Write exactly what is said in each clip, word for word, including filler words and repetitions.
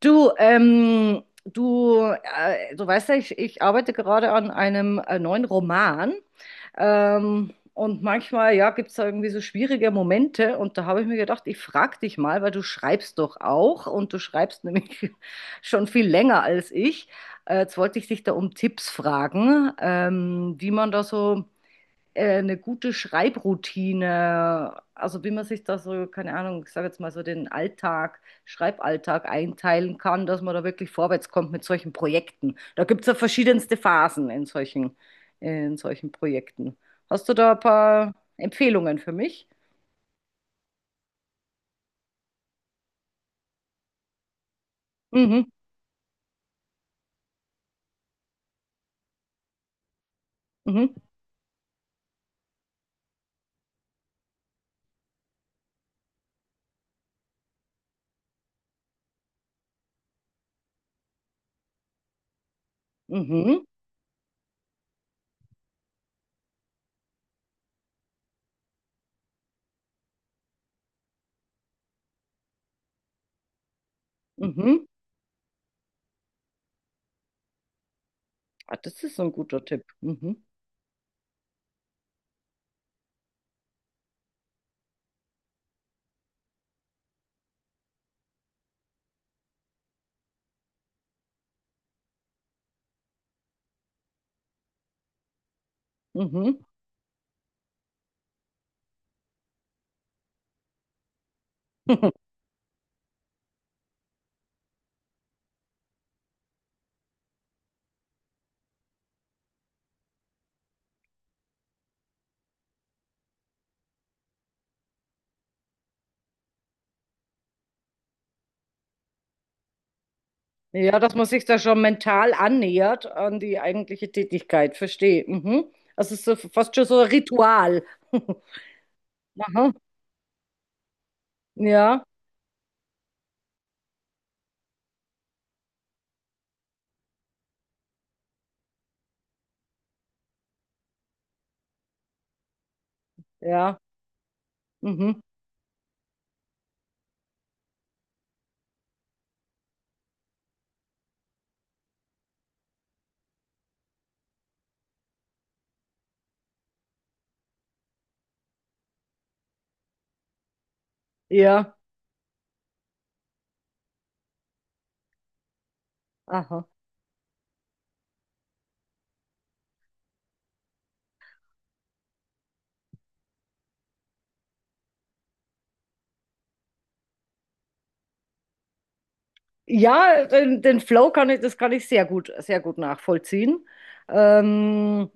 Du, ähm, du, äh, du weißt ja, ich, ich arbeite gerade an einem äh, neuen Roman. Ähm, und manchmal, ja, gibt es da irgendwie so schwierige Momente. Und da habe ich mir gedacht, ich frage dich mal, weil du schreibst doch auch und du schreibst nämlich schon viel länger als ich. Äh, jetzt wollte ich dich da um Tipps fragen, ähm, wie man da so äh, eine gute Schreibroutine, also wie man sich da so, keine Ahnung, ich sage jetzt mal so den Alltag, Schreiballtag einteilen kann, dass man da wirklich vorwärts kommt mit solchen Projekten. Da gibt es ja verschiedenste Phasen in solchen, in solchen Projekten. Hast du da ein paar Empfehlungen für mich? Mhm, mhm, mhm, mhm. Ah, das ist so ein guter Tipp. Mhm, mhm. Ja, dass man sich da schon mental annähert an die eigentliche Tätigkeit, verstehe. Mhm. Das ist so, fast schon so ein Ritual. Aha. Ja, ja, mhm. Ja, aha. Ja, den, den Flow kann ich, das kann ich sehr gut, sehr gut nachvollziehen. Ähm,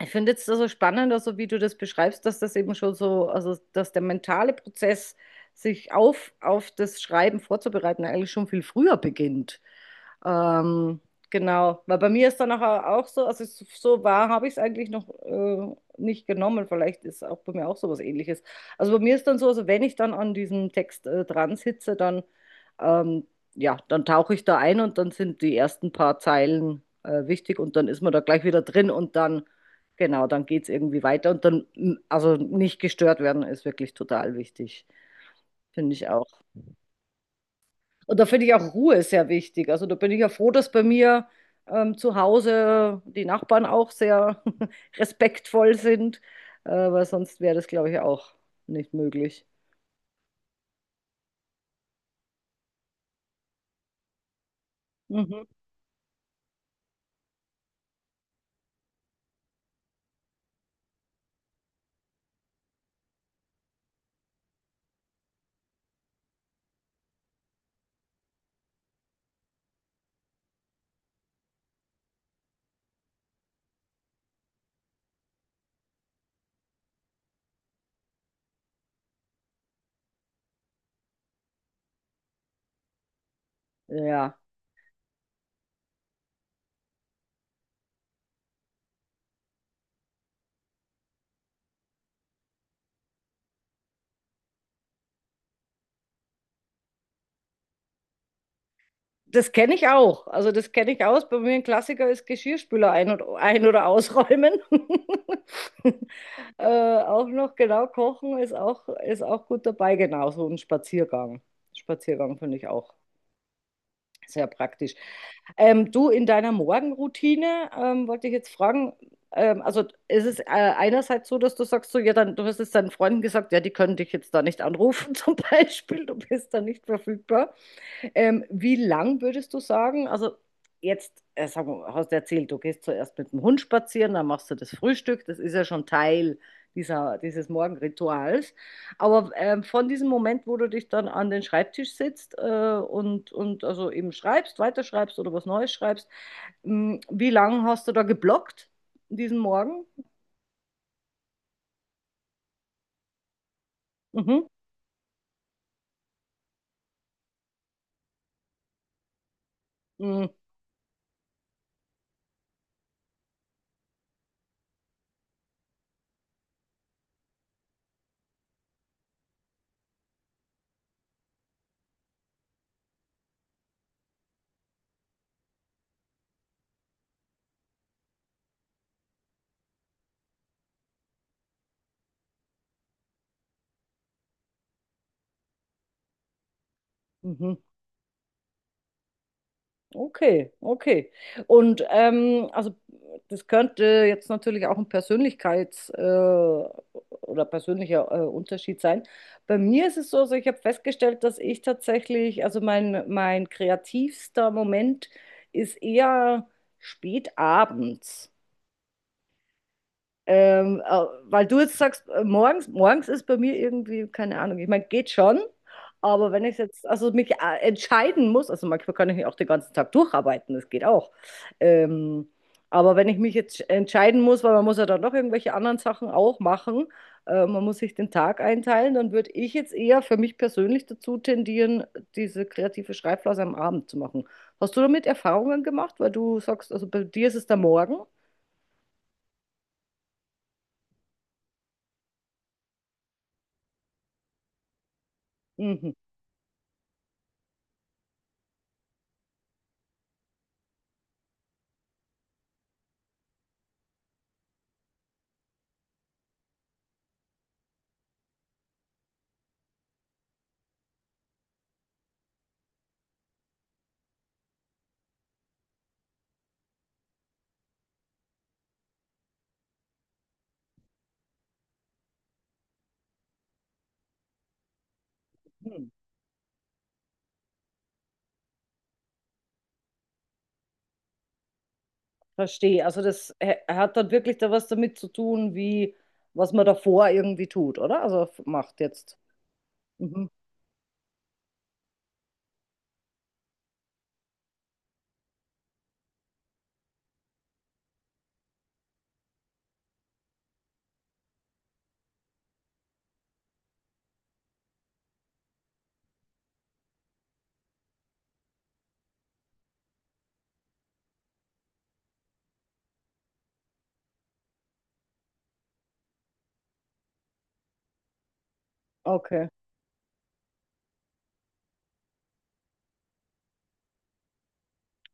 Ich finde jetzt also spannend, also wie du das beschreibst, dass das eben schon so, also dass der mentale Prozess, sich auf, auf das Schreiben vorzubereiten, eigentlich schon viel früher beginnt. Ähm, genau, weil bei mir ist dann nachher auch so, also es- so wahr habe ich es eigentlich noch äh, nicht genommen. Vielleicht ist auch bei mir auch sowas Ähnliches. Also bei mir ist dann so, also wenn ich dann an diesem Text äh, dran sitze, dann ähm, ja, dann tauche ich da ein und dann sind die ersten paar Zeilen äh, wichtig und dann ist man da gleich wieder drin und dann genau, dann geht es irgendwie weiter und dann mm, also nicht gestört werden ist wirklich total wichtig, finde ich auch. Und da finde ich auch Ruhe sehr wichtig. Also da bin ich ja froh, dass bei mir ähm, zu Hause die Nachbarn auch sehr respektvoll sind, äh, weil sonst wäre das, glaube ich, auch nicht möglich. Mhm. Ja, das kenne ich auch. Also das kenne ich aus. Bei mir ein Klassiker ist Geschirrspüler ein- und, ein- oder ausräumen. äh, auch noch, genau, kochen ist auch, ist auch gut dabei. Genau, so ein Spaziergang. Spaziergang finde ich auch. Sehr praktisch. Ähm, du, in deiner Morgenroutine ähm, wollte ich jetzt fragen, ähm, also ist es äh, einerseits so, dass du sagst, so, ja, dann, du hast es deinen Freunden gesagt, ja, die können dich jetzt da nicht anrufen zum Beispiel, du bist da nicht verfügbar. Ähm, wie lang würdest du sagen? Also jetzt, äh, sag mal, hast du erzählt, du gehst zuerst mit dem Hund spazieren, dann machst du das Frühstück. Das ist ja schon Teil dieser, dieses Morgenrituals. Aber ähm, von diesem Moment, wo du dich dann an den Schreibtisch sitzt äh, und, und also eben schreibst, weiterschreibst oder was Neues schreibst, mh, wie lange hast du da geblockt diesen Morgen? Mhm. Mhm. Mhm. Okay, okay. Und ähm, also das könnte jetzt natürlich auch ein Persönlichkeits- äh, oder persönlicher äh, Unterschied sein. Bei mir ist es so, also ich habe festgestellt, dass ich tatsächlich, also mein, mein kreativster Moment ist eher spät abends. Ähm, äh, weil du jetzt sagst, äh, morgens, morgens ist bei mir irgendwie, keine Ahnung, ich meine, geht schon, aber wenn ich jetzt, also mich äh, entscheiden muss, also manchmal kann ich mich auch den ganzen Tag durcharbeiten, das geht auch. Ähm, aber wenn ich mich jetzt entscheiden muss, weil man muss ja dann noch irgendwelche anderen Sachen auch machen, äh, man muss sich den Tag einteilen, dann würde ich jetzt eher für mich persönlich dazu tendieren, diese kreative Schreibphase am Abend zu machen. Hast du damit Erfahrungen gemacht, weil du sagst, also bei dir ist es der Morgen? Mhm. Verstehe. Also das hä- hat dann wirklich da was damit zu tun, wie was man davor irgendwie tut, oder? Also f- macht jetzt. Mhm. Okay.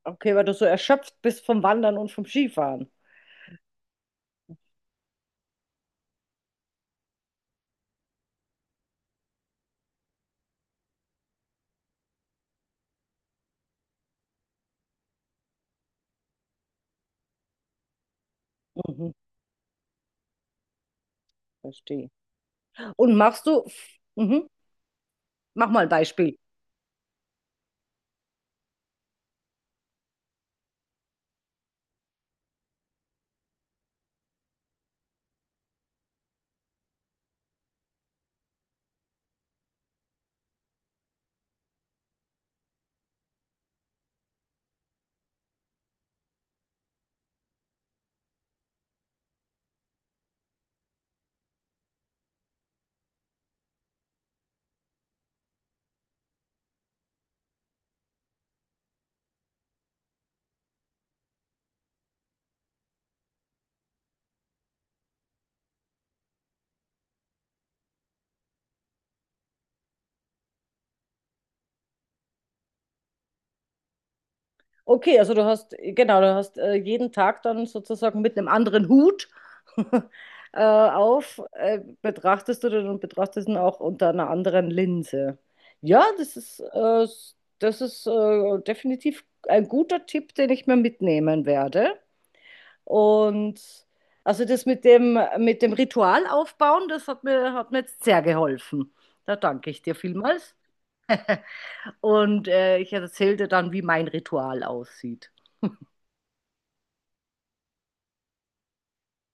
Okay, weil du so erschöpft bist vom Wandern und vom Skifahren. Mhm. Verstehe. Und machst du, mhm. Mach mal ein Beispiel. Okay, also du hast, genau, du hast äh, jeden Tag dann sozusagen mit einem anderen Hut äh, auf, äh, betrachtest du den und betrachtest ihn auch unter einer anderen Linse. Ja, das ist, äh, das ist äh, definitiv ein guter Tipp, den ich mir mitnehmen werde. Und also das mit dem, mit dem Ritual aufbauen, das hat mir, hat mir jetzt sehr geholfen. Da danke ich dir vielmals. Und äh, ich erzähle dir dann, wie mein Ritual aussieht.